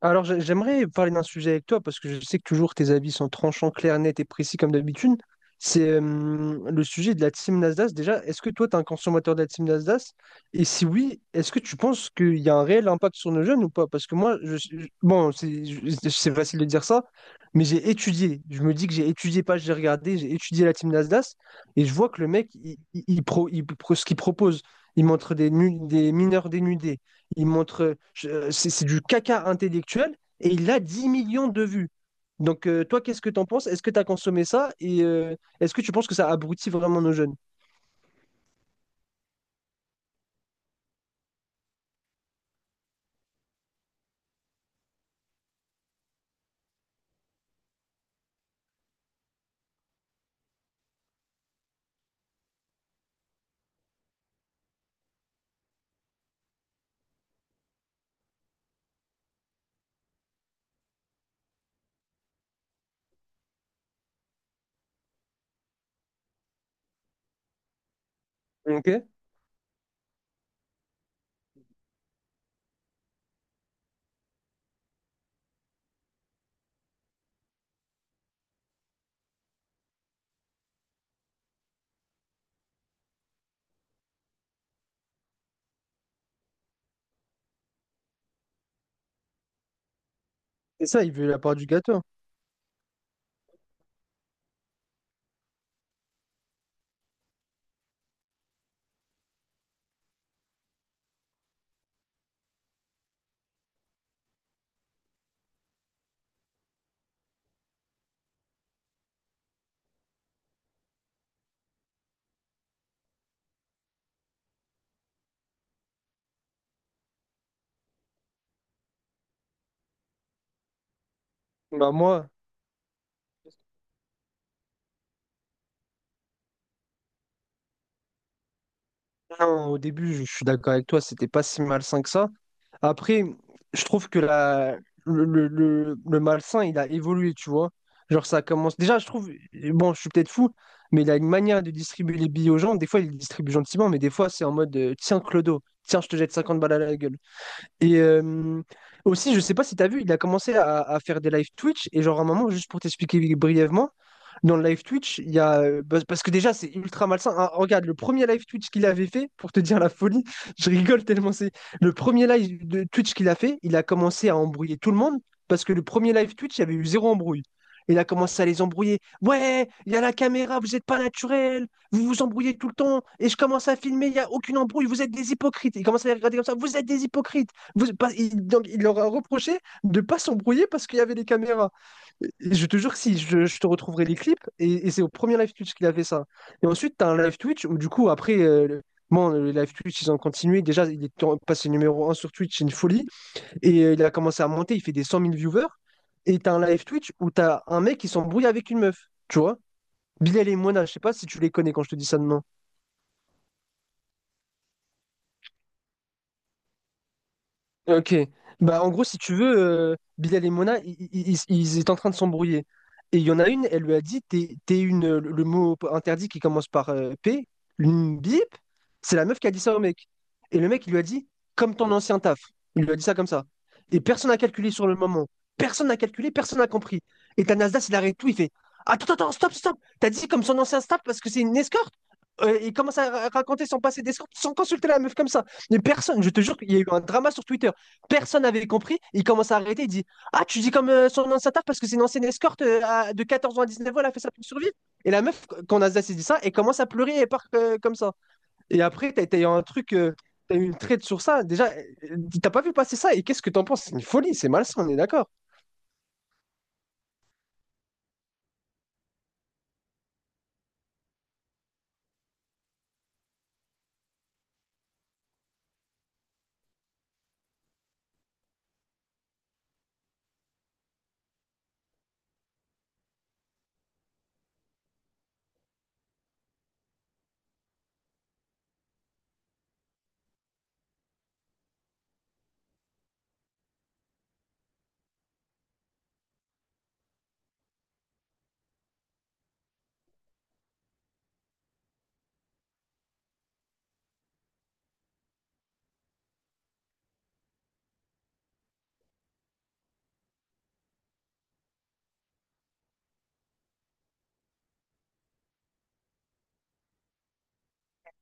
Alors, j'aimerais parler d'un sujet avec toi parce que je sais que toujours tes avis sont tranchants, clairs, nets et précis comme d'habitude. C'est le sujet de la team Nasdaq. Déjà, est-ce que toi, tu es un consommateur de la team Nasdaq? Et si oui, est-ce que tu penses qu'il y a un réel impact sur nos jeunes ou pas? Parce que moi, bon, c'est facile de dire ça, mais j'ai étudié. Je me dis que j'ai étudié, pas j'ai regardé, j'ai étudié la team Nasdaq et je vois que le mec, il pro- ce qu'il propose, il montre des mineurs dénudés. Il montre, c'est du caca intellectuel et il a 10 millions de vues. Donc, toi, qu'est-ce que t'en penses? Est-ce que t'as consommé ça? Et est-ce que tu penses que ça abrutit vraiment nos jeunes? Ok. C'est ça, il veut la part du gâteau. Bah moi, non, au début, je suis d'accord avec toi, c'était pas si malsain que ça. Après, je trouve que la, le malsain, il a évolué, tu vois. Genre, ça commence. Déjà, je trouve, bon, je suis peut-être fou, mais il a une manière de distribuer les billets aux gens. Des fois, il les distribue gentiment, mais des fois, c'est en mode tiens, Clodo, tiens, je te jette 50 balles à la gueule. Et aussi, je sais pas si tu as vu, il a commencé à faire des live Twitch. Et genre, à un moment, juste pour t'expliquer brièvement, dans le live Twitch, il y a. Bah, parce que déjà, c'est ultra malsain. Ah, regarde, le premier live Twitch qu'il avait fait, pour te dire la folie, je rigole tellement c'est. Le premier live de Twitch qu'il a fait, il a commencé à embrouiller tout le monde. Parce que le premier live Twitch, il y avait eu zéro embrouille. Il a commencé à les embrouiller. Ouais, il y a la caméra, vous n'êtes pas naturel, vous embrouillez tout le temps, et je commence à filmer, il n'y a aucune embrouille, vous êtes des hypocrites. Il commence à les regarder comme ça, vous êtes des hypocrites. Donc, il leur a reproché de pas s'embrouiller parce qu'il y avait les caméras. Je te jure que si, je te retrouverai les clips, et c'est au premier live Twitch qu'il a fait ça. Et ensuite, tu as un live Twitch où, du coup, après, bon, le live Twitch, ils ont continué. Déjà, passé numéro un sur Twitch, c'est une folie. Et il a commencé à monter, il fait des 100 000 viewers. Et tu as un live Twitch où tu as un mec qui s'embrouille avec une meuf, tu vois. Bilal et Moana, je sais pas si tu les connais quand je te dis ça de nom. Ok. Bah, en gros, si tu veux, Bilal et Mona, ils étaient en train de s'embrouiller. Et il y en a une, elle lui a dit, t'es une, le mot interdit qui commence par P, une bip, c'est la meuf qui a dit ça au mec. Et le mec, il lui a dit, comme ton ancien taf. Il lui a dit ça comme ça. Et personne n'a calculé sur le moment. Personne n'a calculé, personne n'a compris. Et ta Nasdaq, il arrête tout, il fait, attends, attends, stop, stop. T'as dit comme son ancien staff parce que c'est une escorte? Il commence à raconter son passé d'escorte sans consulter la meuf comme ça. Mais personne, je te jure qu'il y a eu un drama sur Twitter. Personne n'avait compris. Il commence à arrêter. Il dit ah, tu dis comme son ancien taf parce que c'est une ancienne escorte de 14 ans à 9 ans, elle a fait ça pour survivre. Et la meuf, quand Nasdaq s'est dit ça, elle commence à pleurer et part comme ça. Et après, t'as eu un truc, t'as eu une traite sur ça. Déjà, euh, t'as pas vu passer ça. Et qu'est-ce que t'en penses? C'est une folie, c'est malsain, on est d'accord.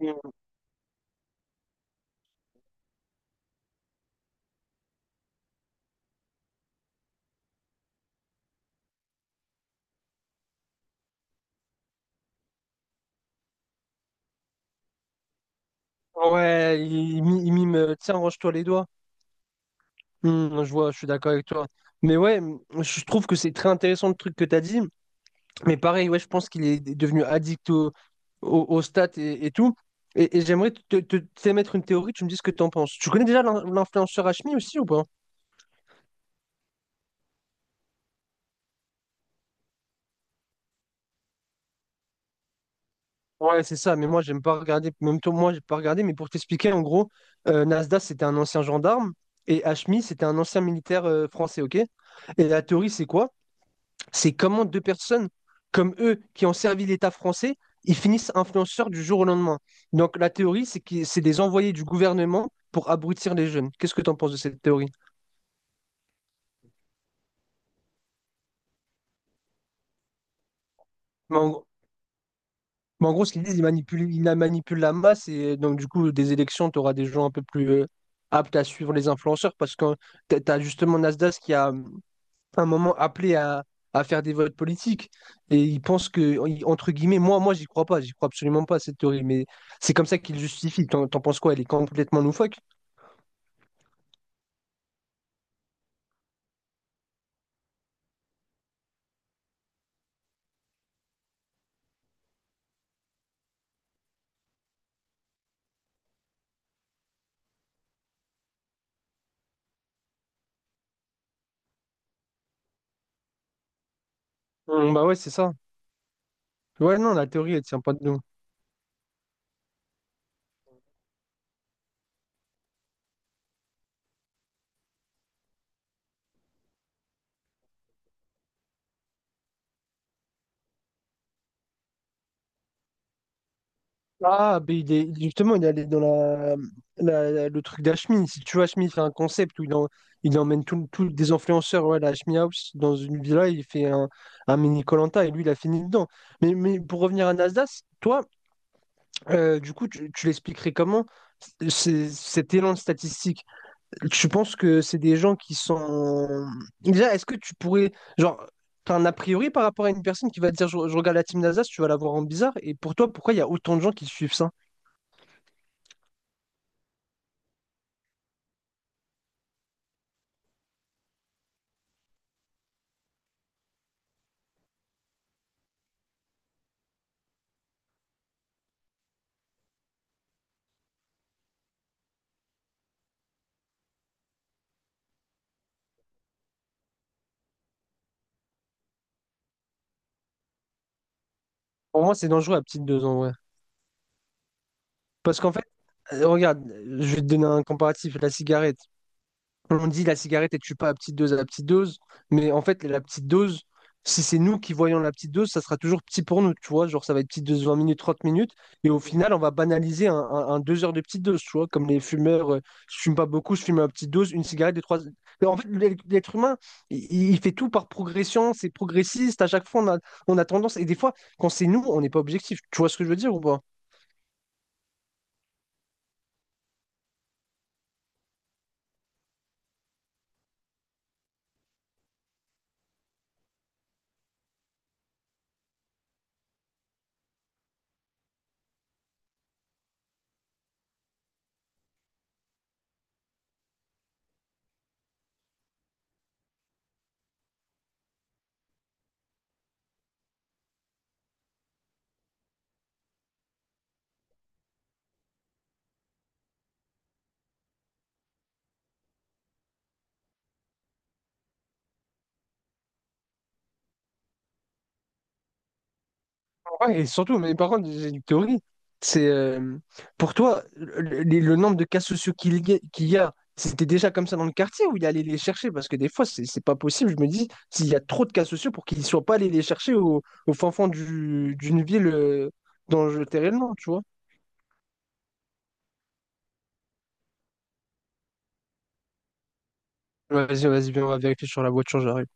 Mm. Ouais, il mime, tiens, range-toi les doigts. Hmm, je vois, je suis d'accord avec toi. Mais ouais, je trouve que c'est très intéressant le truc que tu as dit. Mais pareil, ouais, je pense qu'il est devenu addict aux stats et tout. Et j'aimerais t'émettre une théorie, tu me dis ce que tu en penses. Tu connais déjà l'influenceur Hashmi aussi ou pas? Ouais, c'est ça, mais moi, j'aime pas regarder. Même toi, moi, j'ai pas regardé, mais pour t'expliquer, en gros, Nasdaq, c'était un ancien gendarme et Hashmi, c'était un ancien militaire français, ok? Et la théorie, c'est quoi? C'est comment deux personnes comme eux qui ont servi l'État français, ils finissent influenceurs du jour au lendemain. Donc la théorie, c'est que c'est des envoyés du gouvernement pour abrutir les jeunes. Qu'est-ce que tu en penses de cette théorie? Mais en, mais en gros, ce qu'ils disent, ils manipulent, ils la manipulent la masse et donc du coup, des élections, tu auras des gens un peu plus aptes à suivre les influenceurs parce que tu as justement Nasdaq qui a un moment appelé à faire des votes politiques. Et ils pensent que, entre guillemets, moi, j'y crois pas, j'y crois absolument pas à cette théorie, mais c'est comme ça qu'ils justifient. T'en penses quoi? Elle est complètement loufoque? Bah ouais, c'est ça. Ouais, non, la théorie, elle tient pas de nous. Ah, ben il est, justement, il est allé dans le truc d'Hashmi. Si tu vois, Hashmi, il fait un concept où il emmène tous des influenceurs ouais, à la Hashmi House dans une villa, il fait un mini koh et lui, il a fini dedans. Mais pour revenir à Nasdaq, toi, du coup, tu l'expliquerais comment cet élan de statistique? Tu penses que c'est des gens qui sont. Déjà, est-ce que tu pourrais. Genre, t'as un a priori par rapport à une personne qui va te dire je regarde la team Nasdaq, tu vas la voir en bizarre. Et pour toi, pourquoi il y a autant de gens qui suivent ça? Pour moi, c'est dangereux la petite dose en vrai. Parce qu'en fait, regarde, je vais te donner un comparatif, la cigarette. On dit la cigarette ne tue pas à petite dose, à petite dose, mais en fait, la petite dose, si c'est nous qui voyons la petite dose, ça sera toujours petit pour nous, tu vois. Genre, ça va être petite dose 20 minutes, 30 minutes, et au final, on va banaliser un 2 heures de petite dose, tu vois. Comme les fumeurs, je fume pas beaucoup, je fume à petite dose, une cigarette de trois. Mais en fait, l'être humain, il fait tout par progression, c'est progressiste, à chaque fois, on a tendance, et des fois, quand c'est nous, on n'est pas objectif. Tu vois ce que je veux dire ou pas? Ouais, et surtout, mais par contre, j'ai une théorie. C'est pour toi, le nombre de cas sociaux qu'il y a, c'était déjà comme ça dans le quartier ou il allait les chercher? Parce que des fois, c'est pas possible. Je me dis, s'il y a trop de cas sociaux pour qu'ils ne soient pas allés les chercher au fin fond d'une ville dont je t'ai réellement, tu vois. Ouais, vas-y, vas-y, viens, on va vérifier sur la voiture, j'arrive.